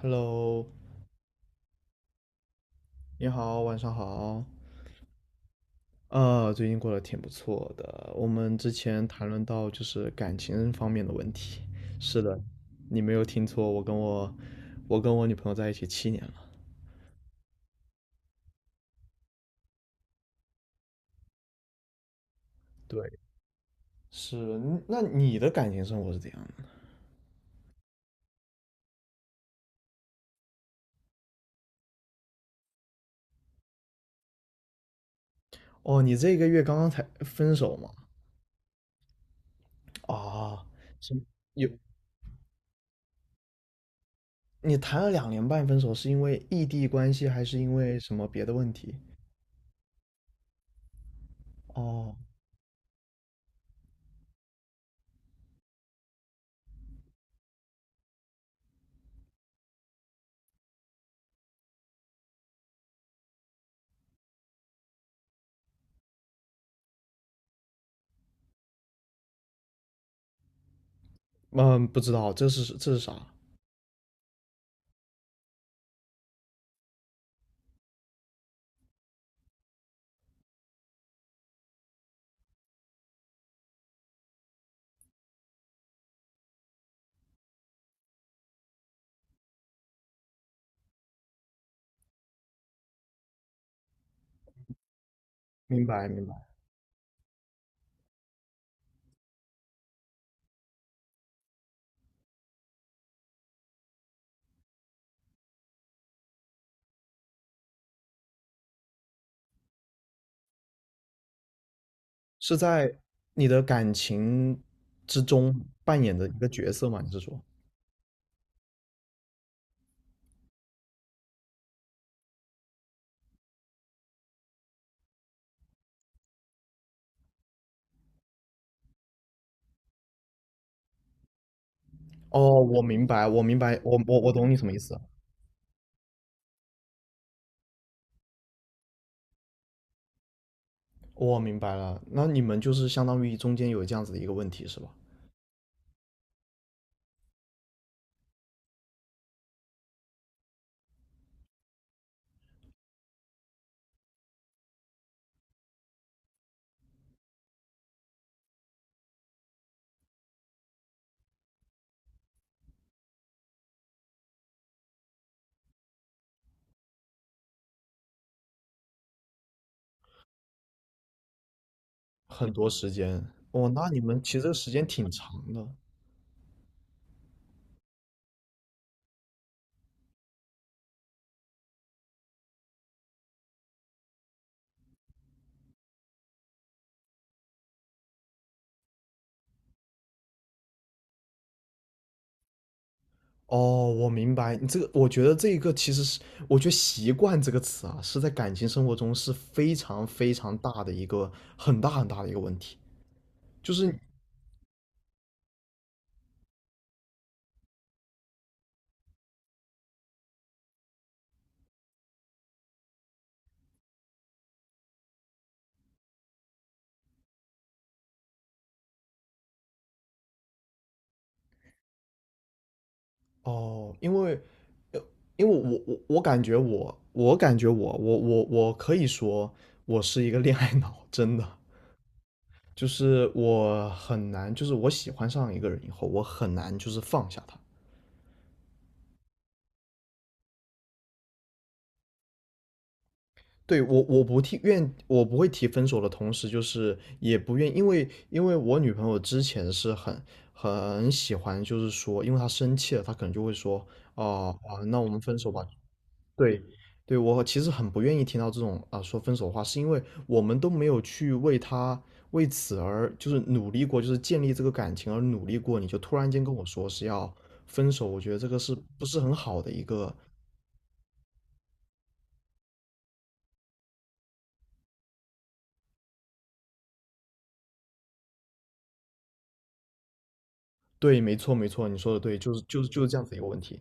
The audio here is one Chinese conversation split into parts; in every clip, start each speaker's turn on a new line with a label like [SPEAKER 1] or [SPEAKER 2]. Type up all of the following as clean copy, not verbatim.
[SPEAKER 1] Hello，你好，晚上好。最近过得挺不错的。我们之前谈论到就是感情方面的问题。是的，你没有听错，我跟我女朋友在一起七年了。对，是。嗯那你的感情生活是怎样的？哦，你这个月刚刚才分手吗？啊，是，有，你谈了2年半分手，是因为异地关系，还是因为什么别的问题？哦，嗯，不知道，这是啥？明白明白。是在你的感情之中扮演的一个角色吗？你是说？哦，我明白，我明白，我懂你什么意思，我明白了。那你们就是相当于中间有这样子的一个问题是吧？很多时间。哦，那你们其实这个时间挺长的。哦，我明白，你这个，我觉得这一个其实是，我觉得习惯这个词啊，是在感情生活中是非常非常大的一个很大很大的一个问题。就是，哦，因为我感觉我可以说我是一个恋爱脑，真的。就是我很难，就是我喜欢上一个人以后，我很难就是放下他。对，我不会提分手的同时，就是也不愿，因为我女朋友之前是很喜欢，就是说，因为她生气了，她可能就会说，哦、啊，那我们分手吧。对，对，我其实很不愿意听到这种啊说分手的话，是因为我们都没有去为此而就是努力过，就是建立这个感情而努力过，你就突然间跟我说是要分手，我觉得这个是不是很好的一个？对，没错，没错，你说的对，就是这样子一个问题。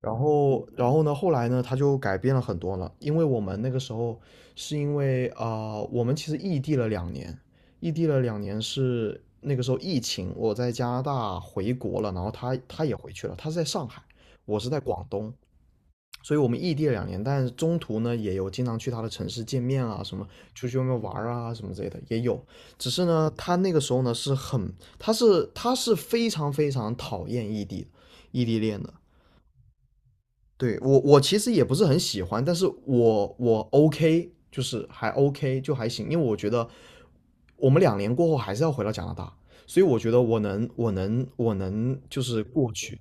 [SPEAKER 1] 然后呢，后来呢，他就改变了很多了。因为我们那个时候是因为啊、呃我们其实异地了两年，异地了两年，是那个时候疫情，我在加拿大回国了，然后他也回去了，他是在上海，我是在广东，所以我们异地了两年，但是中途呢也有经常去他的城市见面啊，什么出去外面玩儿啊，什么之类的也有。只是呢，他那个时候呢是很，他是非常非常讨厌异地恋的。对，我其实也不是很喜欢，但是我 OK，就是还 OK 就还行，因为我觉得我们两年过后还是要回到加拿大，所以我觉得我能就是过去。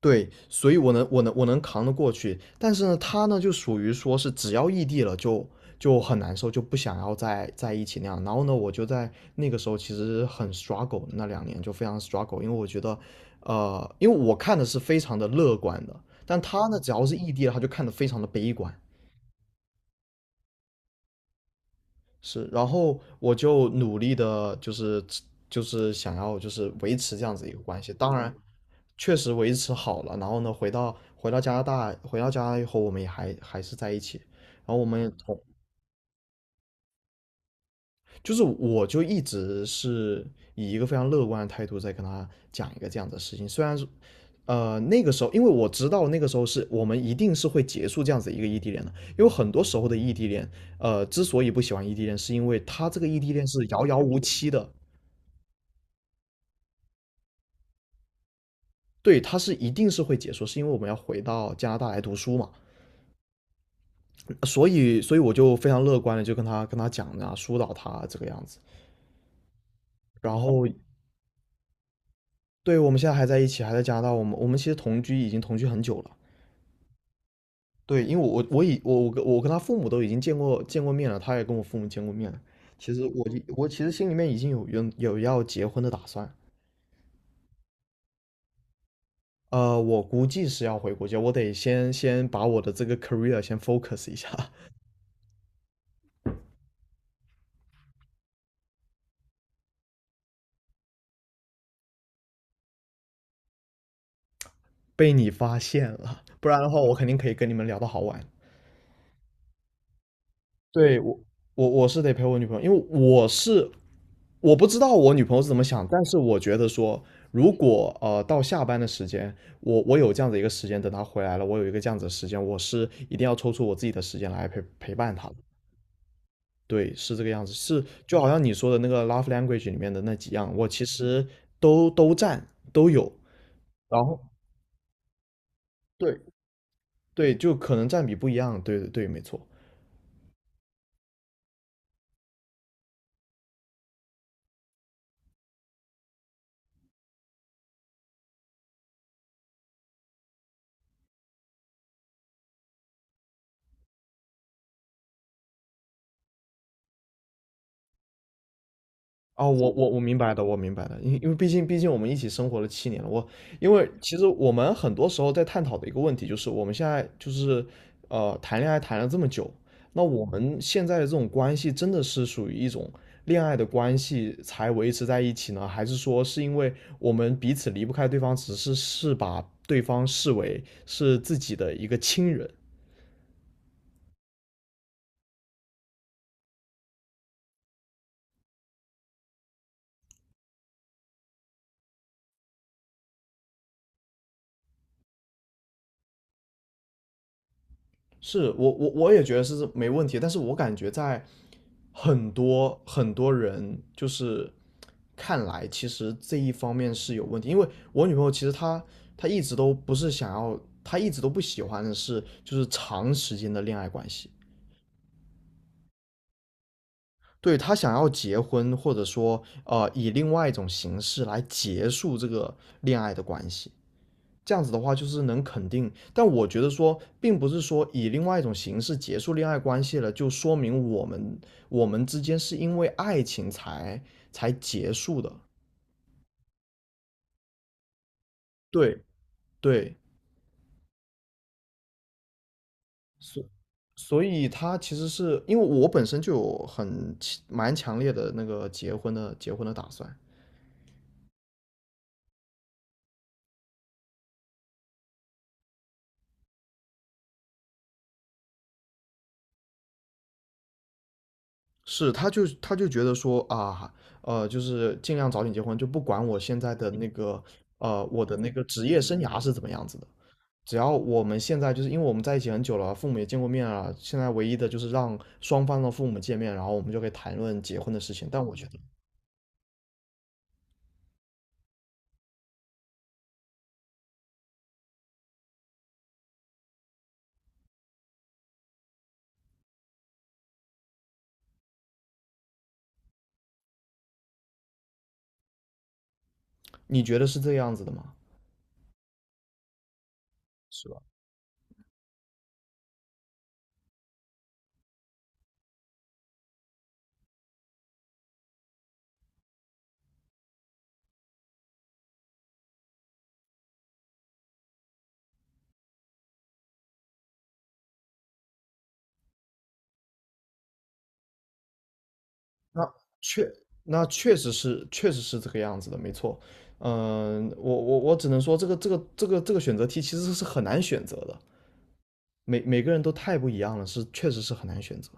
[SPEAKER 1] 对，所以我能扛得过去，但是呢，他呢就属于说是只要异地了就很难受，就不想要再在一起那样。然后呢，我就在那个时候其实很 struggle，那两年就非常 struggle。因为我觉得，因为我看的是非常的乐观的，但他呢只要是异地了，他就看得非常的悲观。是，然后我就努力的，就是想要就是维持这样子一个关系。当然，确实维持好了。然后呢，回到加拿大，回到加拿大以后，我们也还是在一起。然后我们也就是我就一直是以一个非常乐观的态度在跟他讲一个这样的事情，虽然是，那个时候因为我知道那个时候是我们一定是会结束这样子一个异地恋的，因为很多时候的异地恋，之所以不喜欢异地恋，是因为他这个异地恋是遥遥无期的。对，他是一定是会结束，是因为我们要回到加拿大来读书嘛，所以我就非常乐观的就跟他讲啊，疏导他啊这个样子。然后，对，我们现在还在一起，还在加拿大，我们其实已经同居很久了。对，因为我我已我我跟我跟他父母都已经见过面了，他也跟我父母见过面了。其实心里面已经有要结婚的打算。我估计是要回国家，我得先把我的这个 career 先 focus 一下。被你发现了，不然的话我肯定可以跟你们聊到好晚。对，我是得陪我女朋友，因为我不知道我女朋友是怎么想，但是我觉得说，如果到下班的时间，我有这样的一个时间，等她回来了，我有一个这样子的时间，我是一定要抽出我自己的时间来陪伴她的。对，是这个样子，是就好像你说的那个 love language 里面的那几样，我其实都都占都有。然后，对对，就可能占比不一样，对对对，没错。哦，我明白的，我明白的，因为毕竟我们一起生活了七年了。因为其实我们很多时候在探讨的一个问题就是，我们现在就是谈恋爱谈了这么久，那我们现在的这种关系真的是属于一种恋爱的关系才维持在一起呢？还是说是因为我们彼此离不开对方，只是把对方视为是自己的一个亲人？是，我也觉得是没问题，但是我感觉在很多很多人就是看来，其实这一方面是有问题，因为我女朋友其实她一直都不是想要，她一直都不喜欢的是就是长时间的恋爱关系。对，她想要结婚，或者说以另外一种形式来结束这个恋爱的关系。这样子的话，就是能肯定，但我觉得说，并不是说以另外一种形式结束恋爱关系了，就说明我们之间是因为爱情才结束的。对对，所所以他其实是因为我本身就有强蛮强烈的那个结婚的打算，是他就觉得说啊，就是尽量早点结婚，就不管我现在的那个我的那个职业生涯是怎么样子的。只要我们现在就是因为我们在一起很久了，父母也见过面了，现在唯一的就是让双方的父母见面，然后我们就可以谈论结婚的事情。但我觉得，你觉得是这样子的吗？是吧？那确那确实是这个样子的，没错。嗯，我只能说这个选择题其实是很难选择的，每个人都太不一样了，是确实是很难选择。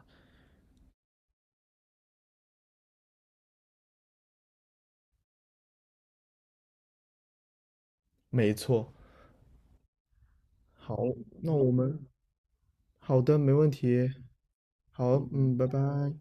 [SPEAKER 1] 没错。好，那我们好的，没问题。好，嗯，拜拜。